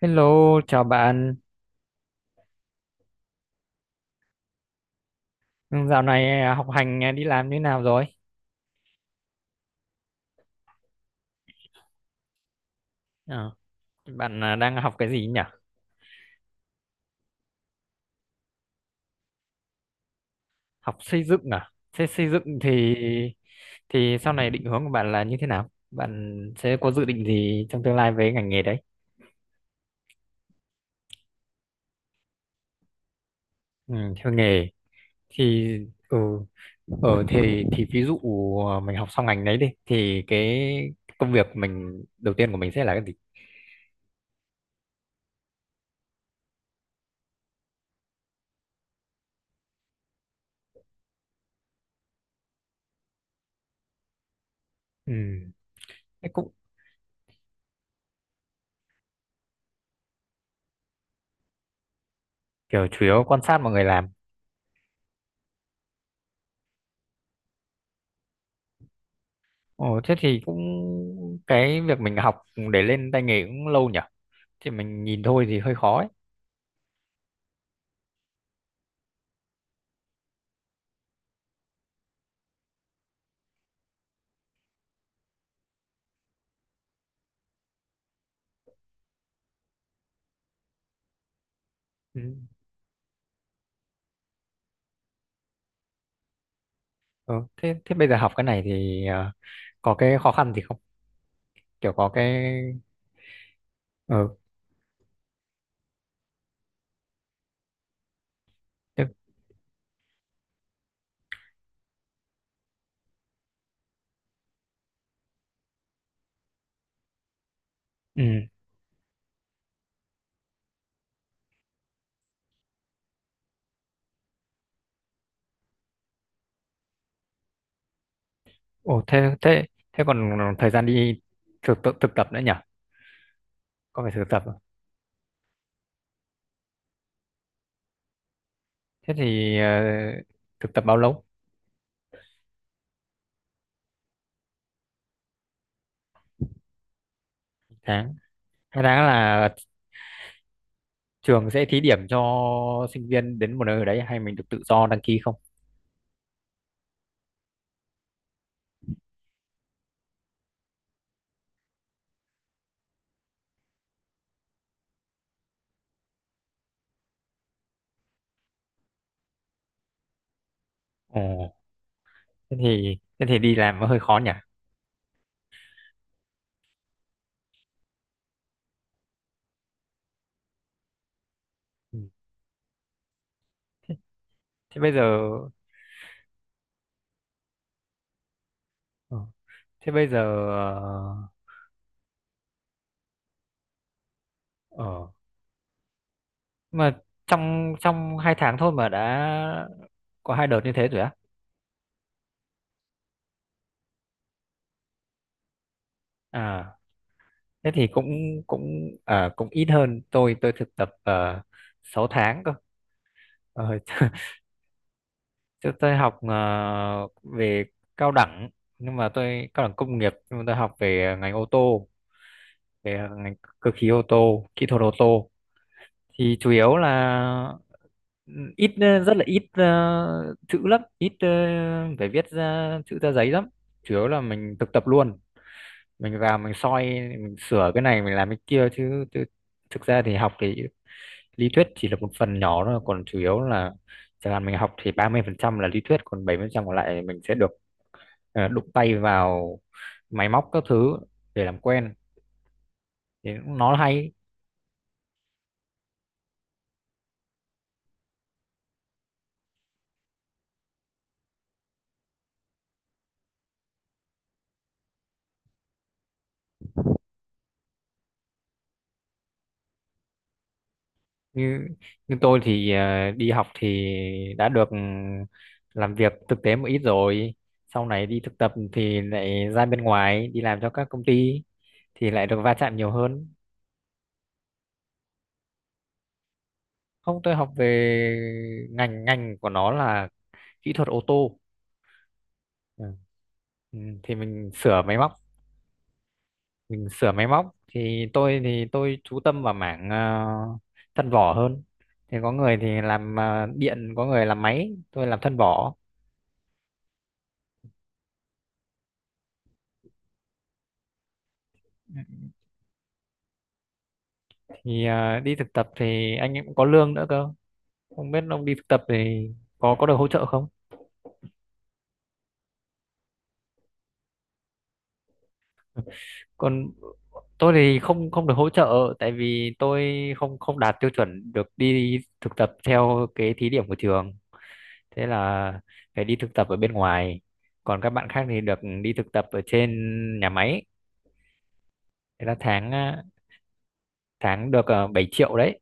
Hello, chào bạn. Ừ, dạo này à, học hành à, đi làm như nào rồi? Ờ, bạn à, đang học cái gì nhỉ? Học xây dựng à? Thế xây dựng thì sau này định hướng của bạn là như thế nào? Bạn sẽ có dự định gì trong tương lai với ngành nghề đấy? Ừ, theo nghề thì ừ, ở thì ví dụ à, mình học xong ngành đấy đi thì cái công việc mình đầu tiên của mình sẽ là cái gì? Ừ, thế cũng kiểu chủ yếu quan sát mọi người làm. Ồ, thế thì cũng cái việc mình học để lên tay nghề cũng lâu nhỉ? Thì mình nhìn thôi thì hơi khó ấy. Ừ. Ừ. Thế thế bây giờ học cái này thì có cái khó khăn gì không? Kiểu có cái ờ, Thế. Ừ. Ồ, thế thế thế còn thời gian đi thực tập nữa nhỉ? Có phải thực tập à? Thế thì thực tập bao lâu? Tháng. 2 tháng là trường sẽ thí điểm cho sinh viên đến một nơi ở đấy hay mình được tự do đăng ký không? Ồ, thế thì đi làm nó hơi khó nhỉ? Ừ. thế bây giờ ờ, thế bây giờ ờ ờ, mà trong trong 2 tháng thôi mà đã có hai đợt như thế rồi á? À, thế thì cũng cũng à, cũng ít hơn tôi thực tập uh, 6 tháng cơ. Ờ, chứ tôi học về cao đẳng, nhưng mà tôi cao đẳng công nghiệp nhưng mà tôi học về ngành ô tô, về ngành cơ khí ô tô, kỹ thuật ô tô thì chủ yếu là ừ, ít rất là ít chữ lắm, ít phải viết ra chữ ra giấy lắm, chủ yếu là mình thực tập luôn. Mình vào mình soi, mình sửa cái này mình làm cái kia chứ thực ra thì học thì lý thuyết chỉ là một phần nhỏ thôi, còn chủ yếu là chẳng hạn mình học thì 30% là lý thuyết, còn 70% còn lại mình sẽ được đụng tay vào máy móc các thứ để làm quen thì nó hay. Như như tôi thì đi học thì đã được ừ, làm việc thực tế một ít rồi, sau này đi thực tập thì lại ra bên ngoài đi làm cho các công ty thì lại được va chạm nhiều hơn. Không, tôi học về ngành ngành của nó là kỹ thuật ô tô. Ừ. Ừ, thì mình sửa máy móc. Mình sửa máy móc thì tôi chú tâm vào mảng thân vỏ hơn, thì có người thì làm điện, có người làm máy, tôi làm thân vỏ thì đi thực tập thì anh ấy cũng có lương nữa cơ. Không biết ông đi thực tập thì có được hỗ trợ không? Còn tôi thì không không được hỗ trợ, tại vì tôi không không đạt tiêu chuẩn được đi thực tập theo cái thí điểm của trường, thế là phải đi thực tập ở bên ngoài, còn các bạn khác thì được đi thực tập ở trên nhà máy, thế là tháng được 7 triệu đấy.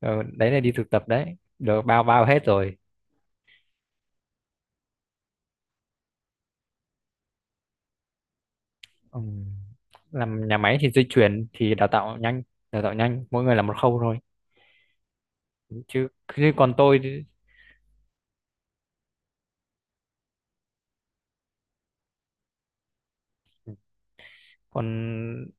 Ờ, đấy là đi thực tập đấy, được bao bao hết rồi. Ừ. Làm nhà máy thì dây chuyền thì đào tạo nhanh mỗi người là một khâu thôi. Chứ, chứ còn tôi thì- còn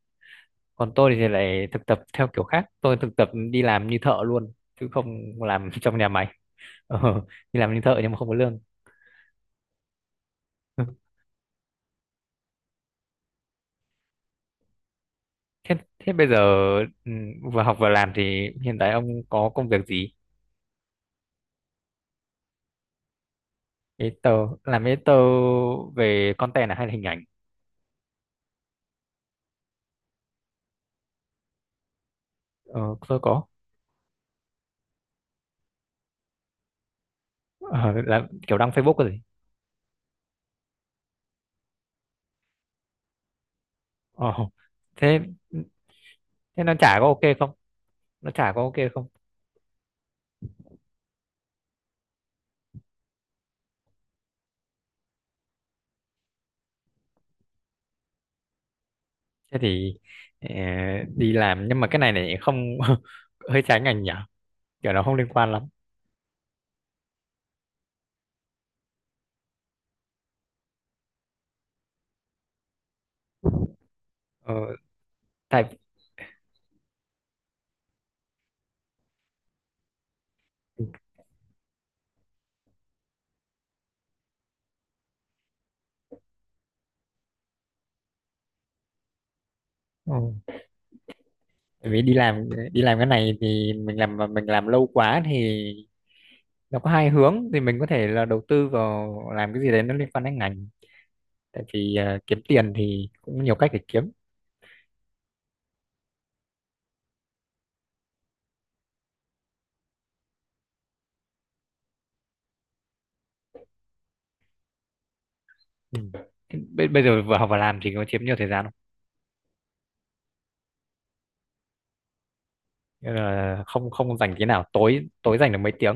còn tôi thì lại thực tập theo kiểu khác, tôi thực tập đi làm như thợ luôn, chứ không làm trong nhà máy. ờ, Đi làm như thợ nhưng mà không có lương. Ừ. thế thế bây giờ ừ, vừa học vừa làm thì hiện tại ông có công việc gì? Editor. Làm editor về content à hay là hình ảnh? ờ, tôi có. Ờ, làm kiểu đăng Facebook rồi. ờ, Thế thế nó trả có ok không? Nó trả có ok không? Thế thì ờ, đi làm nhưng mà cái này này không, hơi trái ngành nhở, kiểu nó không liên quan lắm. ờ, tại ừ, Tại vì đi làm cái này thì mình làm mà mình làm lâu quá thì nó có hai hướng, thì mình có thể là đầu tư vào làm cái gì đấy nó liên quan đến ngành. Tại vì kiếm tiền thì cũng nhiều cách để kiếm. Ừ. Thế bây giờ vừa học và làm thì có chiếm nhiều thời gian không? Nên là không không dành thế nào, tối tối dành được mấy tiếng.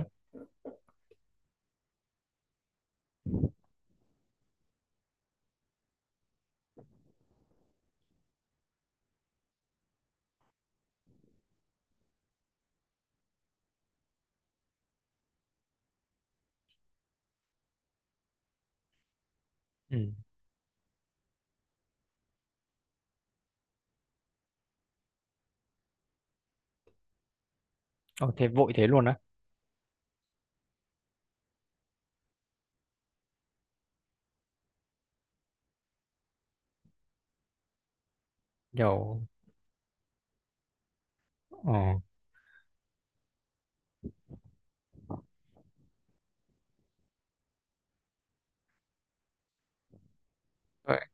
Ừ. Ồ, thế vội thế luôn á? Kiểu ờ, vậy.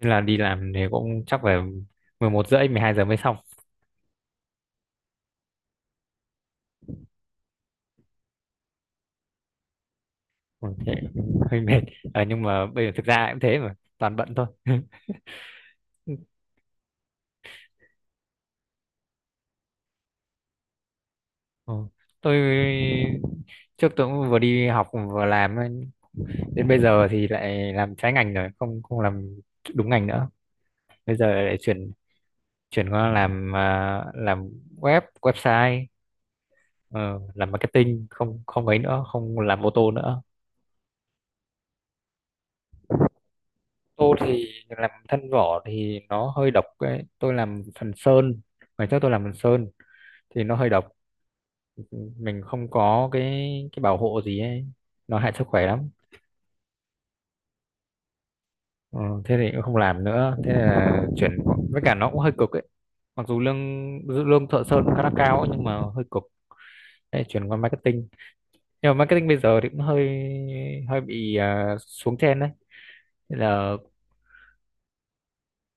Thế là đi làm thì cũng chắc phải 11 rưỡi 12 giờ mới xong. Ừ, thế cũng hơi mệt. Ờ, nhưng mà bây giờ thực ra cũng thế mà toàn bận thôi. Ờ, tôi trước tôi cũng vừa đi học vừa làm ấy, đến bây giờ thì lại làm trái ngành rồi, không không làm đúng ngành nữa, bây giờ lại chuyển, chuyển qua làm làm website, ờ, làm marketing không không ấy nữa, không làm ô tô nữa. Tôi thì làm thân vỏ thì nó hơi độc ấy. Tôi làm phần sơn. Ngày trước tôi làm phần sơn thì nó hơi độc. Mình không có cái bảo hộ gì ấy. Nó hại sức khỏe lắm. Ờ, thế thì cũng không làm nữa. Thế là chuyển, với cả nó cũng hơi cực ấy. Mặc dù lương lương thợ sơn khá là cao ấy, nhưng mà hơi cực. Thế là chuyển qua marketing. Nhưng mà marketing bây giờ thì cũng hơi hơi bị xuống trend đấy. Thế là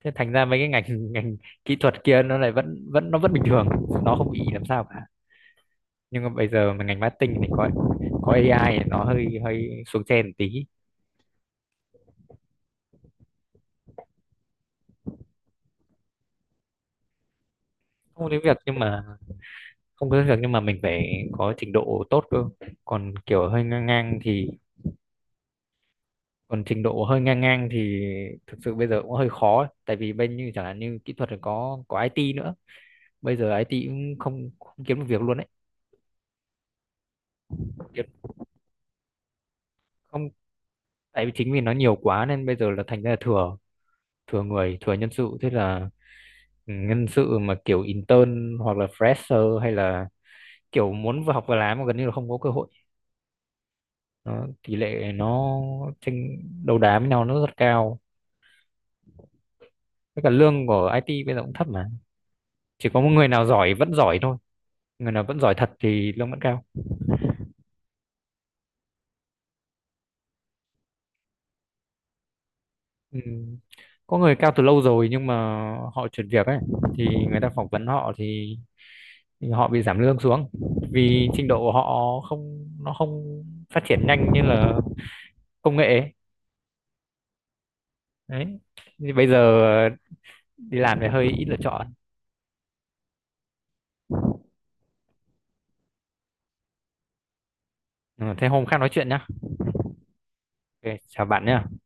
thế, thành ra mấy cái ngành ngành kỹ thuật kia nó lại vẫn vẫn nó vẫn bình thường. Nó không bị làm sao cả, nhưng mà bây giờ mà ngành marketing thì có AI thì nó hơi hơi xuống trend một tí. Không đến việc nhưng mà không có đến việc, nhưng mà mình phải có trình độ tốt cơ, còn kiểu hơi ngang ngang thì, còn trình độ hơi ngang ngang thì thực sự bây giờ cũng hơi khó ấy. Tại vì bên như chẳng hạn như kỹ thuật thì có IT nữa, bây giờ IT cũng không kiếm được việc luôn đấy. Không kiếm không, tại vì chính vì nó nhiều quá nên bây giờ là thành ra là thừa, thừa người thừa nhân sự. Thế là ừ, nhân sự mà kiểu intern hoặc là fresher hay là kiểu muốn vừa học vừa làm mà gần như là không có cơ hội. Nó, tỷ lệ nó tranh đấu đá với nhau nó rất cao. Với cả lương của IT bây giờ cũng thấp mà, chỉ có một người nào giỏi vẫn giỏi thôi, người nào vẫn giỏi thật thì lương vẫn cao. Ừ. Có người cao từ lâu rồi nhưng mà họ chuyển việc ấy thì người ta phỏng vấn họ thì họ bị giảm lương xuống vì trình độ của họ không phát triển nhanh như là công nghệ ấy. Đấy thì bây giờ đi làm thì hơi ít lựa chọn. Ừ, thế hôm khác nói chuyện nhá. Ok, chào bạn nhé.